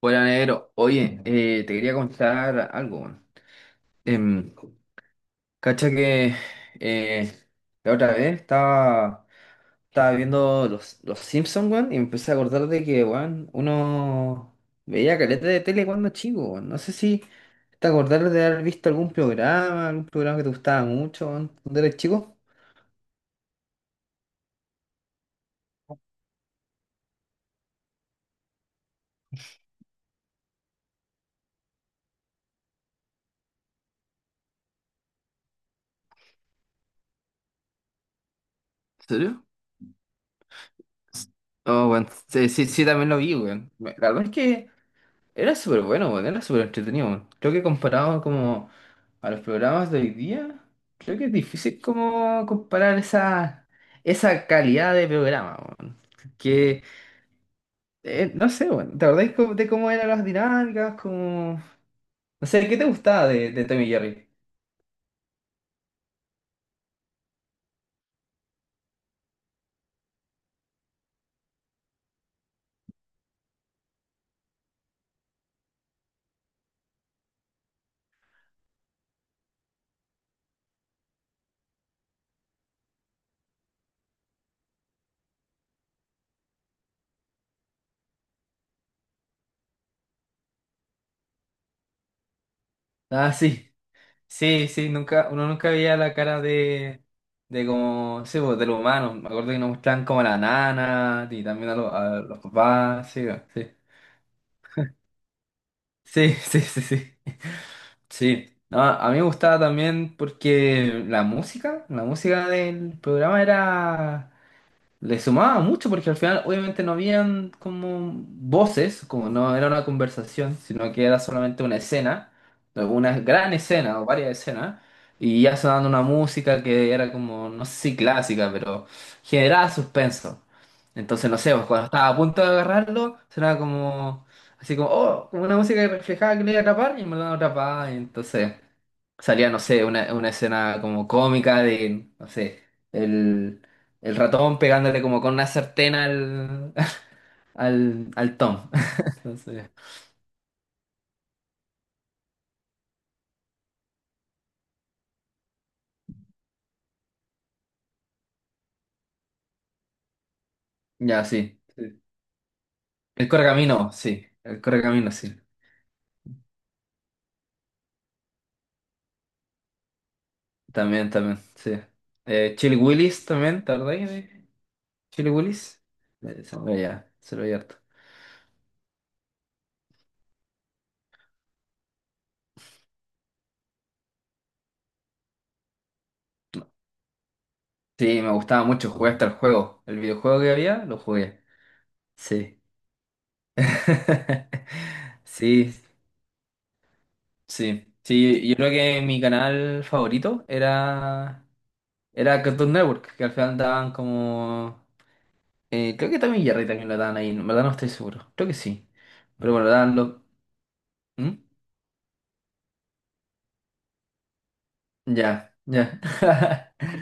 Hola, negro. Oye, te quería contar algo. Bueno. Em, Cacha que eh, la otra vez estaba viendo los Simpsons, weón, y me empecé a acordar de que, weón, uno veía caleta de tele cuando chico, weón. No sé si te acordás de haber visto algún algún programa que te gustaba mucho, weón, cuando eras chico. ¿En serio? Oh, weón, sí, sí, sí, también lo vi, weón. La verdad es que era súper bueno, weón, era súper entretenido, weón. Creo que comparado como a los programas de hoy día, creo que es difícil como comparar esa calidad de programa, weón. Que no sé, weón, ¿te acordás de cómo eran las dinámicas? Como... No sé, ¿qué te gustaba de Tommy y Jerry? Ah, sí, sí, sí, nunca, uno nunca veía la cara de como, sí, pues, de los humanos. Me acuerdo que nos mostraban como a la nana y también los a los papás, sí, weón, sí. Sí, sí, sí, sí. Sí. No, a mí me gustaba también porque la la música del programa era, le sumaba mucho porque al final obviamente no habían como voces, como no era una conversación, sino que era solamente una escena, una gran escena o varias escenas, y ya sonando una música que era como, no sé si clásica, pero generaba suspenso. Entonces, no sé, pues, cuando estaba a punto de agarrarlo, sonaba como, así como, oh, como una música que reflejaba que le iba a atrapar y me lo atrapaba, y entonces salía, no sé, una escena como cómica de, no sé, el, el ratón pegándole como con una sartén al, al Tom. Entonces, ya, sí. Sí. El correcamino, sí. El correcamino, sí. También, también, sí. Chili Willis también, ¿te acordás de Chili Willis? Se lo veía, se lo veía harto. Sí, me gustaba mucho, jugué hasta el juego. El videojuego que había, lo jugué. Sí. Sí. Sí, sí, yo creo que mi canal favorito era, era Cartoon Network, que al final daban como... Eh, creo que también Jerry también lo daban ahí, en verdad no estoy seguro, creo que sí. Pero bueno, daban los... ¿Mm? Ya, ya.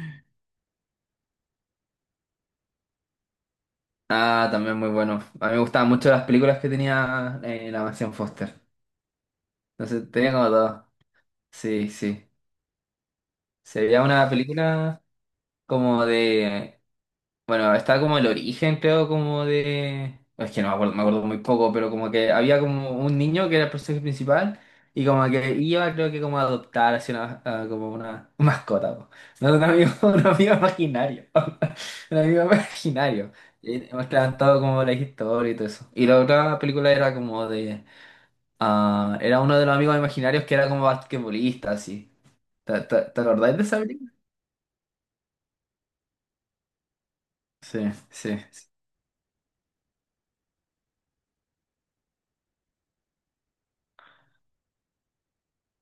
Ah, también muy bueno. A mí me gustaban mucho las películas que tenía la mansión Foster. Entonces tenía como todo. Sí, sí. Se veía una película como de bueno, estaba como el origen, creo, como de... Es que no me acuerdo, me acuerdo muy poco, pero como que había como un niño que era el personaje principal y como que iba, creo que como a adoptar así una, a como una mascota, po. No, un amigo, un amigo imaginario. Un amigo imaginario. Y mostraban todo como la historia y todo eso. Y la otra película era como de... Ah, era uno de los amigos imaginarios que era como basquetbolista, así. Te acordáis de esa película? Sí, sí, sí.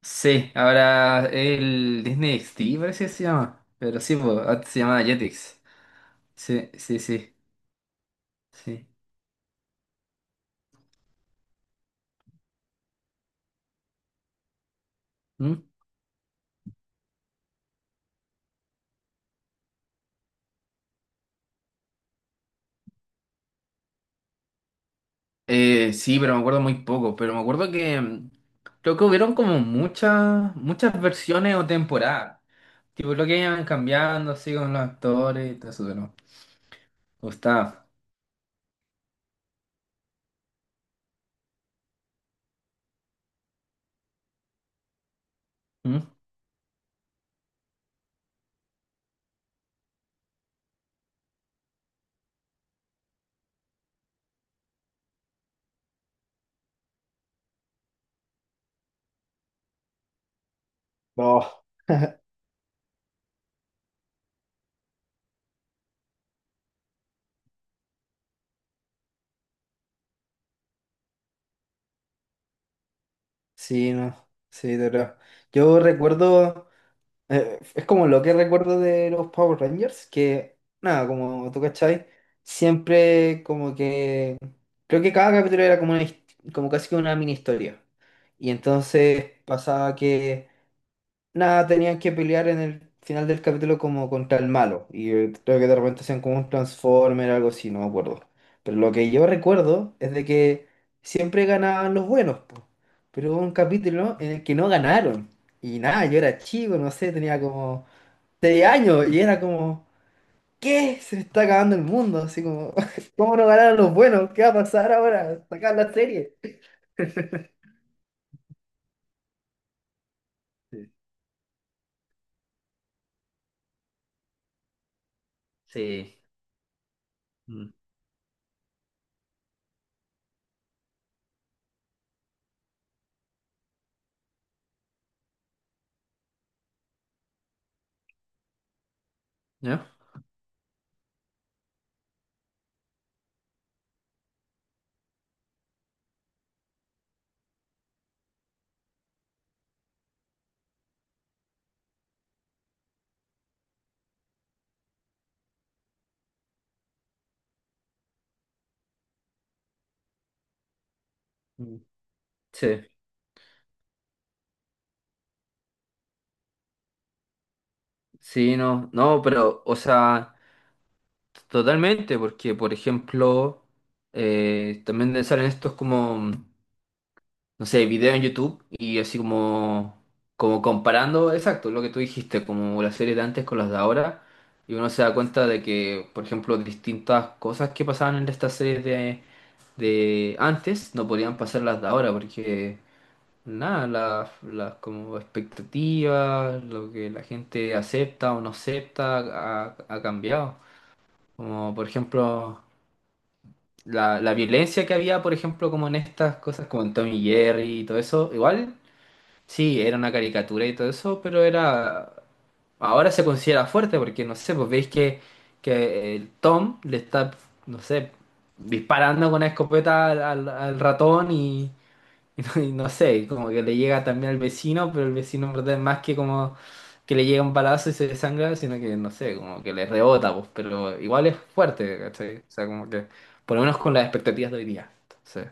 Sí, ahora el Disney XD parece que se llama. Pero sí, pues, antes se llamaba Jetix. Sí, sí, sí, sí. ¿Mm? Sí, pero me acuerdo muy poco. Pero me acuerdo que creo que hubieron como muchas, muchas versiones o temporadas. Tipo, lo que iban cambiando así con los actores y todo eso, pero me gustaba. ¿Mm? No, sí, no, sí, de verdad. Yo recuerdo. Es como lo que recuerdo de los Power Rangers, que nada, como tú cachai, siempre como que creo que cada capítulo era como, como casi que una mini historia. Y entonces pasaba que nada, tenían que pelear en el final del capítulo como contra el malo. Y creo que de repente hacían como un Transformer o algo así, no me acuerdo. Pero lo que yo recuerdo es de que siempre ganaban los buenos, po. Pero hubo un capítulo en el que no ganaron. Y nada, yo era chico, no sé, tenía como seis años y era como, ¿qué? Se me está acabando el mundo, así como, ¿cómo no ganaron los buenos? ¿Qué va a pasar ahora? Sacar la serie. Sí. Mm. ¿No? Mm. Sí, sí, no, no, pero, o sea, totalmente, porque, por ejemplo, también salen estos como, no sé, videos en YouTube y así como, como comparando, exacto, lo que tú dijiste, como las series de antes con las de ahora, y uno se da cuenta de que, por ejemplo, distintas cosas que pasaban en estas series de antes no podían pasar las de ahora porque nada, las como expectativas, lo que la gente acepta o no acepta ha cambiado. Como por ejemplo la violencia que había, por ejemplo, como en estas cosas como en Tommy Jerry y todo, igual, sí, caricatura y todo eso era ahora sí era fuerte porque no sé, pues veis que el Tom le está no sé, disparando con una escopeta al, al ratón y y no, no sé, como que le llega también al vecino, pero el vecino en verdad es más que como que le llega un balazo y se desangra, sino que no sé, como que le rebota, pues, pero igual es fuerte, ¿cachai? O sea, como que, por lo menos con las expectativas de hoy día. Entonces,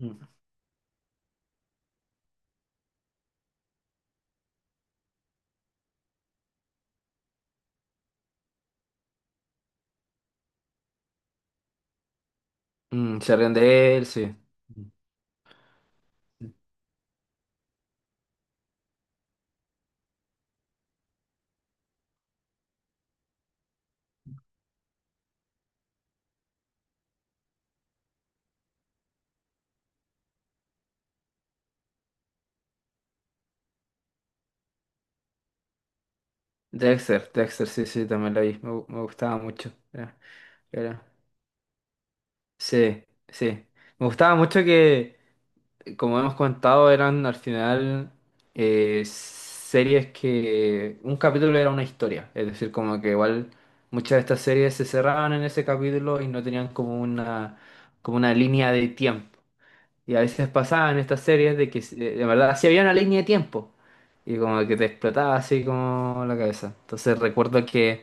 mm. Mm, se ríen de él, sí. Dexter, Dexter, sí, sí, también la vi, me, me gustaba mucho. Era- Sí, sí. Me gustaba mucho que, como hemos comentado, eran al final series que un capítulo era una historia, es decir, como que igual muchas de estas series se cerraban en ese capítulo y no tenían como una línea de tiempo. Y a veces pasaba en estas series de que de verdad sí había una línea de tiempo y como que te explotaba así como la cabeza. Entonces recuerdo que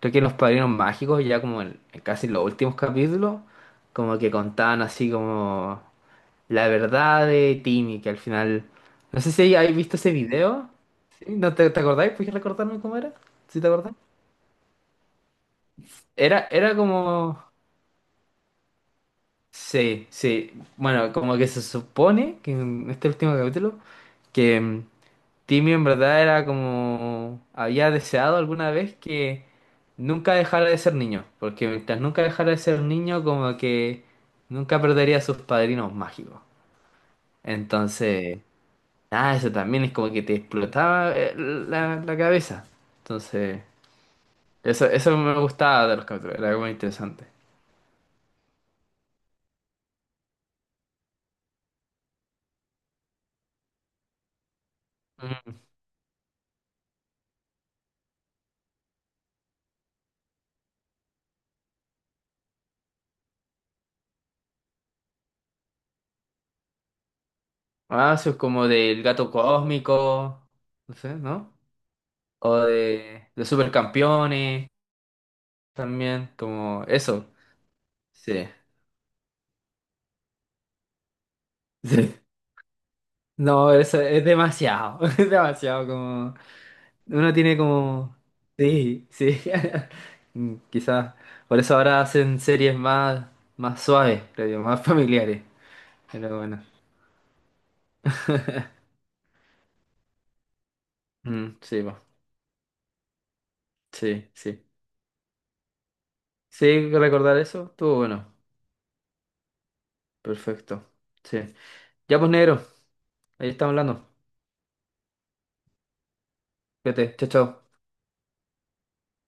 creo que Los Padrinos Mágicos ya como en casi los últimos capítulos como que contaban así como... La verdad de Timmy, que al final. No sé si habéis visto ese video. ¿Sí? ¿No te acordáis? ¿Puedes recordarme cómo era? ¿Sí te acordás? Era como. Sí, sí. Bueno, como que se supone que en este último capítulo. Que Timmy en verdad era como. Había deseado alguna vez que nunca dejara de ser niño. Porque mientras nunca dejara de ser niño, como que nunca perdería a sus padrinos mágicos. Entonces. Ah, eso también es como que te explotaba la cabeza. Entonces, eso me gustaba de los capítulos, era muy interesante. Ujú. Ah, eso es como del gato cósmico, no sé, ¿no? O de supercampeones también, como eso. Sí. Sí. No, eso es demasiado, es demasiado como... Uno tiene como... Sí, sí. Mm, quizás. Por eso ahora hacen series más, más suaves, creo yo, más familiares. Pero bueno. Mm, sí, va. Sí, sí. Sí, recordar eso. Estuvo bueno. Perfecto. Sí. Ya pues, negro. Ahí estamos hablando. Fíjate. Chao, chao.